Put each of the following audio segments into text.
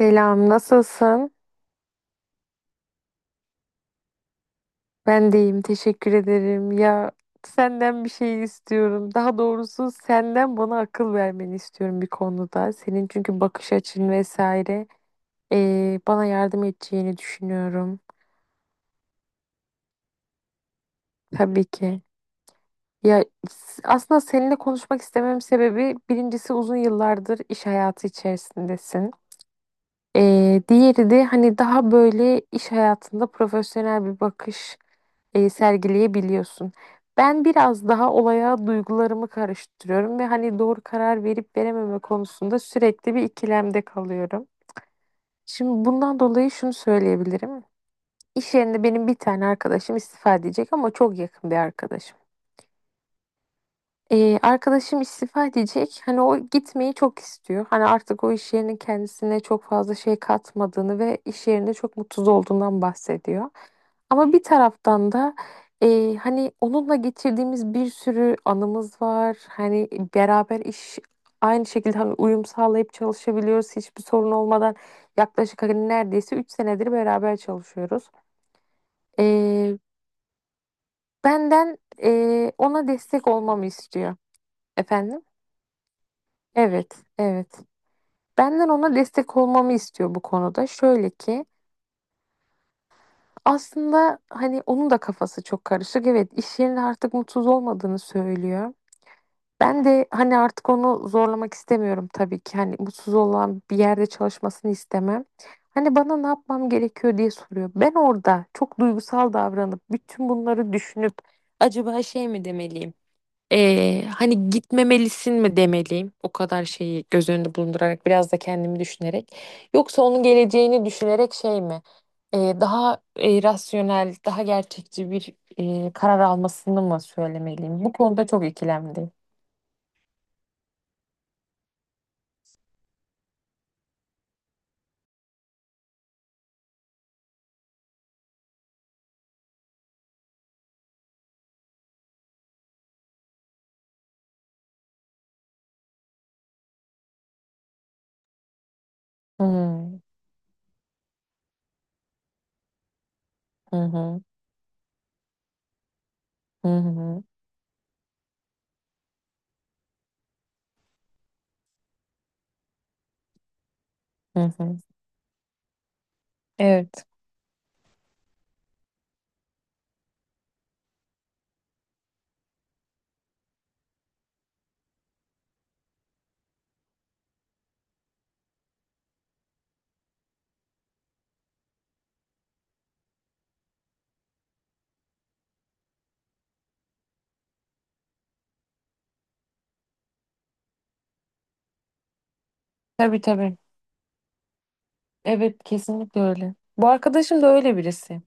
Selam, nasılsın? Ben de iyiyim, teşekkür ederim. Ya senden bir şey istiyorum. Daha doğrusu senden bana akıl vermeni istiyorum bir konuda. Senin çünkü bakış açın vesaire bana yardım edeceğini düşünüyorum. Tabii ki. Aslında seninle konuşmak istememin sebebi birincisi uzun yıllardır iş hayatı içerisindesin. Diğeri de hani daha böyle iş hayatında profesyonel bir bakış sergileyebiliyorsun. Ben biraz daha olaya duygularımı karıştırıyorum ve hani doğru karar verip verememe konusunda sürekli bir ikilemde kalıyorum. Şimdi bundan dolayı şunu söyleyebilirim. İş yerinde benim bir tane arkadaşım istifa edecek ama çok yakın bir arkadaşım. Arkadaşım istifa edecek. Hani o gitmeyi çok istiyor. Hani artık o iş yerinin kendisine çok fazla şey katmadığını ve iş yerinde çok mutsuz olduğundan bahsediyor. Ama bir taraftan da hani onunla geçirdiğimiz bir sürü anımız var. Hani beraber iş aynı şekilde hani uyum sağlayıp çalışabiliyoruz hiçbir sorun olmadan. Yaklaşık hani neredeyse 3 senedir beraber çalışıyoruz. Ee, Benden ona destek olmamı istiyor. Efendim? Evet, evet. Benden ona destek olmamı istiyor bu konuda. Şöyle ki aslında hani onun da kafası çok karışık. Evet, iş yerinde artık mutsuz olmadığını söylüyor. Ben de hani artık onu zorlamak istemiyorum tabii ki. Hani mutsuz olan bir yerde çalışmasını istemem. Hani bana ne yapmam gerekiyor diye soruyor. Ben orada çok duygusal davranıp bütün bunları düşünüp acaba şey mi demeliyim? Hani gitmemelisin mi demeliyim? O kadar şeyi göz önünde bulundurarak biraz da kendimi düşünerek. Yoksa onun geleceğini düşünerek şey mi? Daha rasyonel, daha gerçekçi bir karar almasını mı söylemeliyim? Bu konuda çok ikilemdeyim. Hmm. Hı hı, hı hı, hı hı. Evet. Tabii tabii. Evet, kesinlikle öyle. Bu arkadaşım da öyle birisi.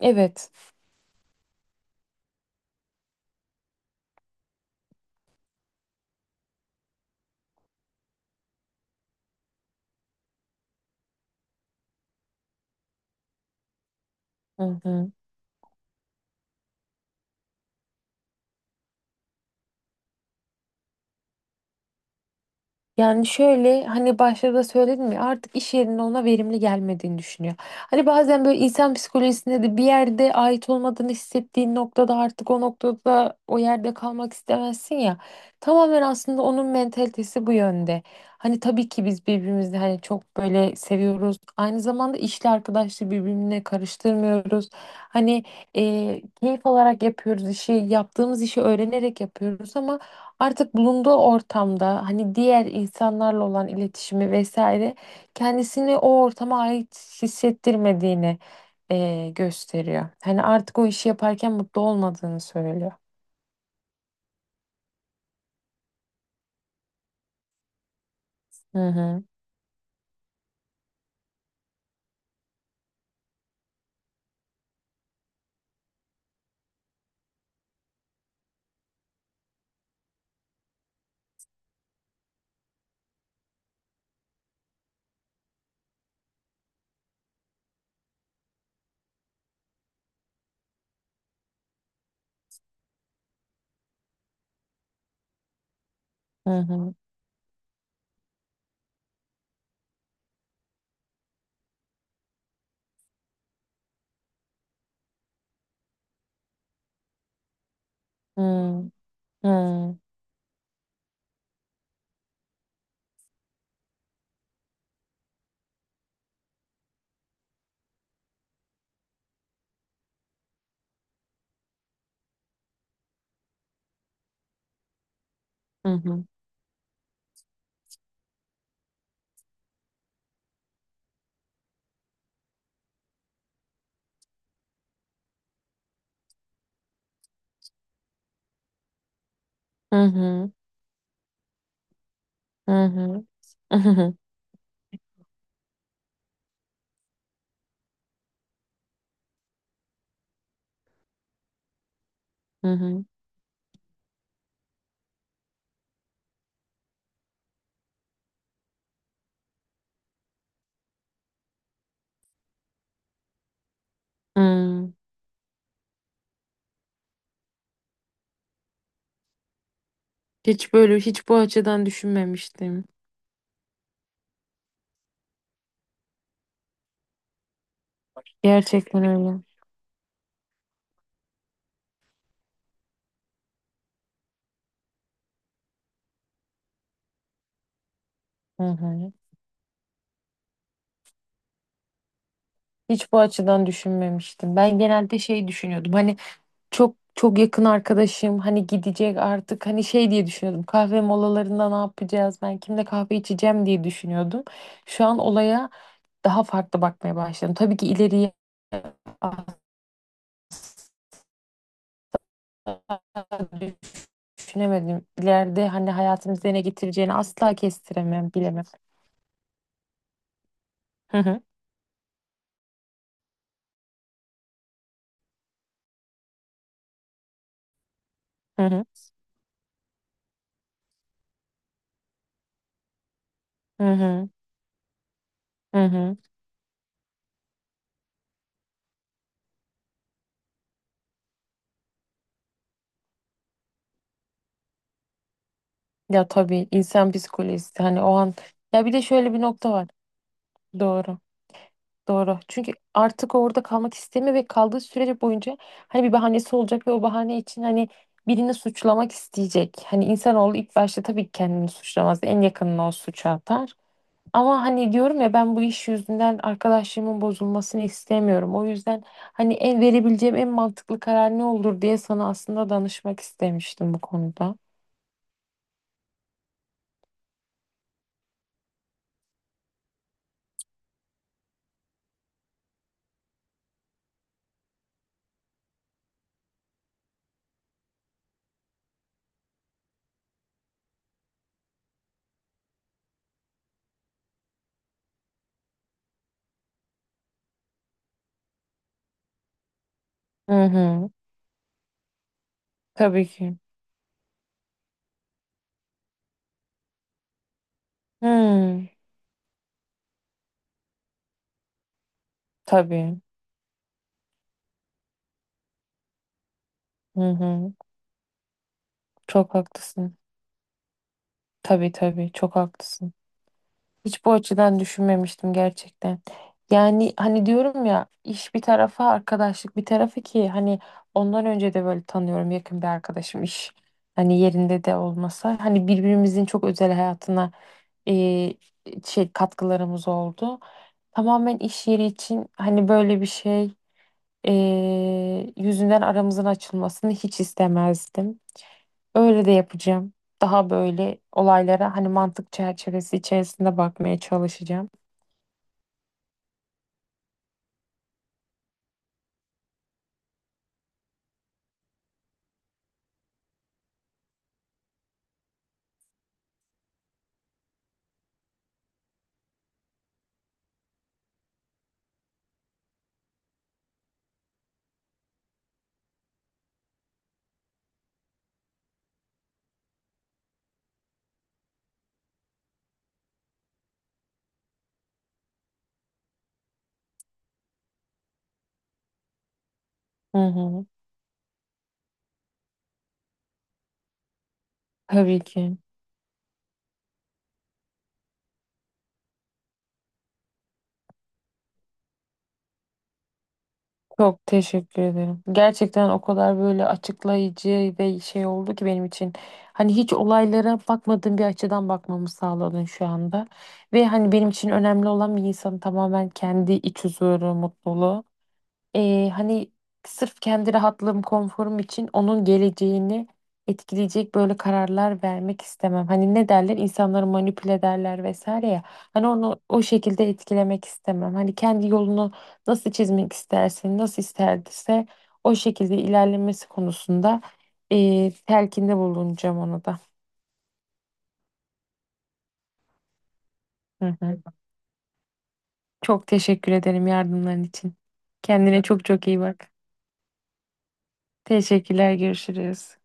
Evet. Hı hı. Yani şöyle, hani başta da söyledim ya, artık iş yerinin ona verimli gelmediğini düşünüyor. Hani bazen böyle insan psikolojisinde de bir yerde ait olmadığını hissettiğin noktada artık o noktada o yerde kalmak istemezsin ya. Tamamen aslında onun mentalitesi bu yönde. Hani tabii ki biz birbirimizi hani çok böyle seviyoruz. Aynı zamanda işle arkadaşlığı birbirine karıştırmıyoruz. Hani keyif alarak yapıyoruz işi, yaptığımız işi öğrenerek yapıyoruz ama artık bulunduğu ortamda hani diğer insanlarla olan iletişimi vesaire kendisini o ortama ait hissettirmediğini gösteriyor. Hani artık o işi yaparken mutlu olmadığını söylüyor. Hı hı, hı hı, hı hı, hı hı, hı hı, hı hı, hı hı, hı. Hiç böyle, bu açıdan düşünmemiştim. Gerçekten öyle. Hı hı. Hiç bu açıdan düşünmemiştim. Ben genelde şey düşünüyordum. Hani çok çok yakın arkadaşım hani gidecek artık, hani şey diye düşünüyordum, kahve molalarında ne yapacağız, ben kimle kahve içeceğim diye düşünüyordum. Şu an olaya daha farklı bakmaya başladım. Tabii ki ileriye asla düşünemedim. İleride hani hayatımızda ne getireceğini asla kestiremem, bilemem. Hı hı, hı hı, hı hı. Hı hı. Ya tabii insan psikolojisi hani o an, ya bir de şöyle bir nokta var. Doğru. Doğru. Çünkü artık orada kalmak istemiyor ve kaldığı sürece boyunca hani bir bahanesi olacak ve o bahane için hani birini suçlamak isteyecek. Hani insanoğlu ilk başta tabii ki kendini suçlamaz. En yakınına o suçu atar. Ama hani diyorum ya, ben bu iş yüzünden arkadaşlığımın bozulmasını istemiyorum. O yüzden hani en verebileceğim en mantıklı karar ne olur diye sana aslında danışmak istemiştim bu konuda. Hı hı. Tabii ki. Hı. Tabii. Hı hı. Çok haklısın. Tabii tabii. Çok haklısın. Hiç bu açıdan düşünmemiştim gerçekten. Yani hani diyorum ya, iş bir tarafa arkadaşlık bir tarafı, ki hani ondan önce de böyle tanıyorum, yakın bir arkadaşım, iş hani yerinde de olmasa hani birbirimizin çok özel hayatına e, şey katkılarımız oldu. Tamamen iş yeri için hani böyle bir şey yüzünden aramızın açılmasını hiç istemezdim. Öyle de yapacağım. Daha böyle olaylara hani mantık çerçevesi içerisinde bakmaya çalışacağım. Hı hı. Tabii ki. Çok teşekkür ederim. Gerçekten o kadar böyle açıklayıcı ve şey oldu ki benim için. Hani hiç olaylara bakmadığım bir açıdan bakmamı sağladın şu anda. Ve hani benim için önemli olan bir insanın tamamen kendi iç huzuru, mutluluğu. Hani sırf kendi rahatlığım, konforum için onun geleceğini etkileyecek böyle kararlar vermek istemem. Hani ne derler? İnsanları manipüle ederler vesaire ya. Hani onu o şekilde etkilemek istemem. Hani kendi yolunu nasıl çizmek isterse, nasıl isterdiyse o şekilde ilerlemesi konusunda telkinde bulunacağım ona da. Hı hı. Çok teşekkür ederim yardımların için. Kendine çok çok iyi bak. Teşekkürler, görüşürüz.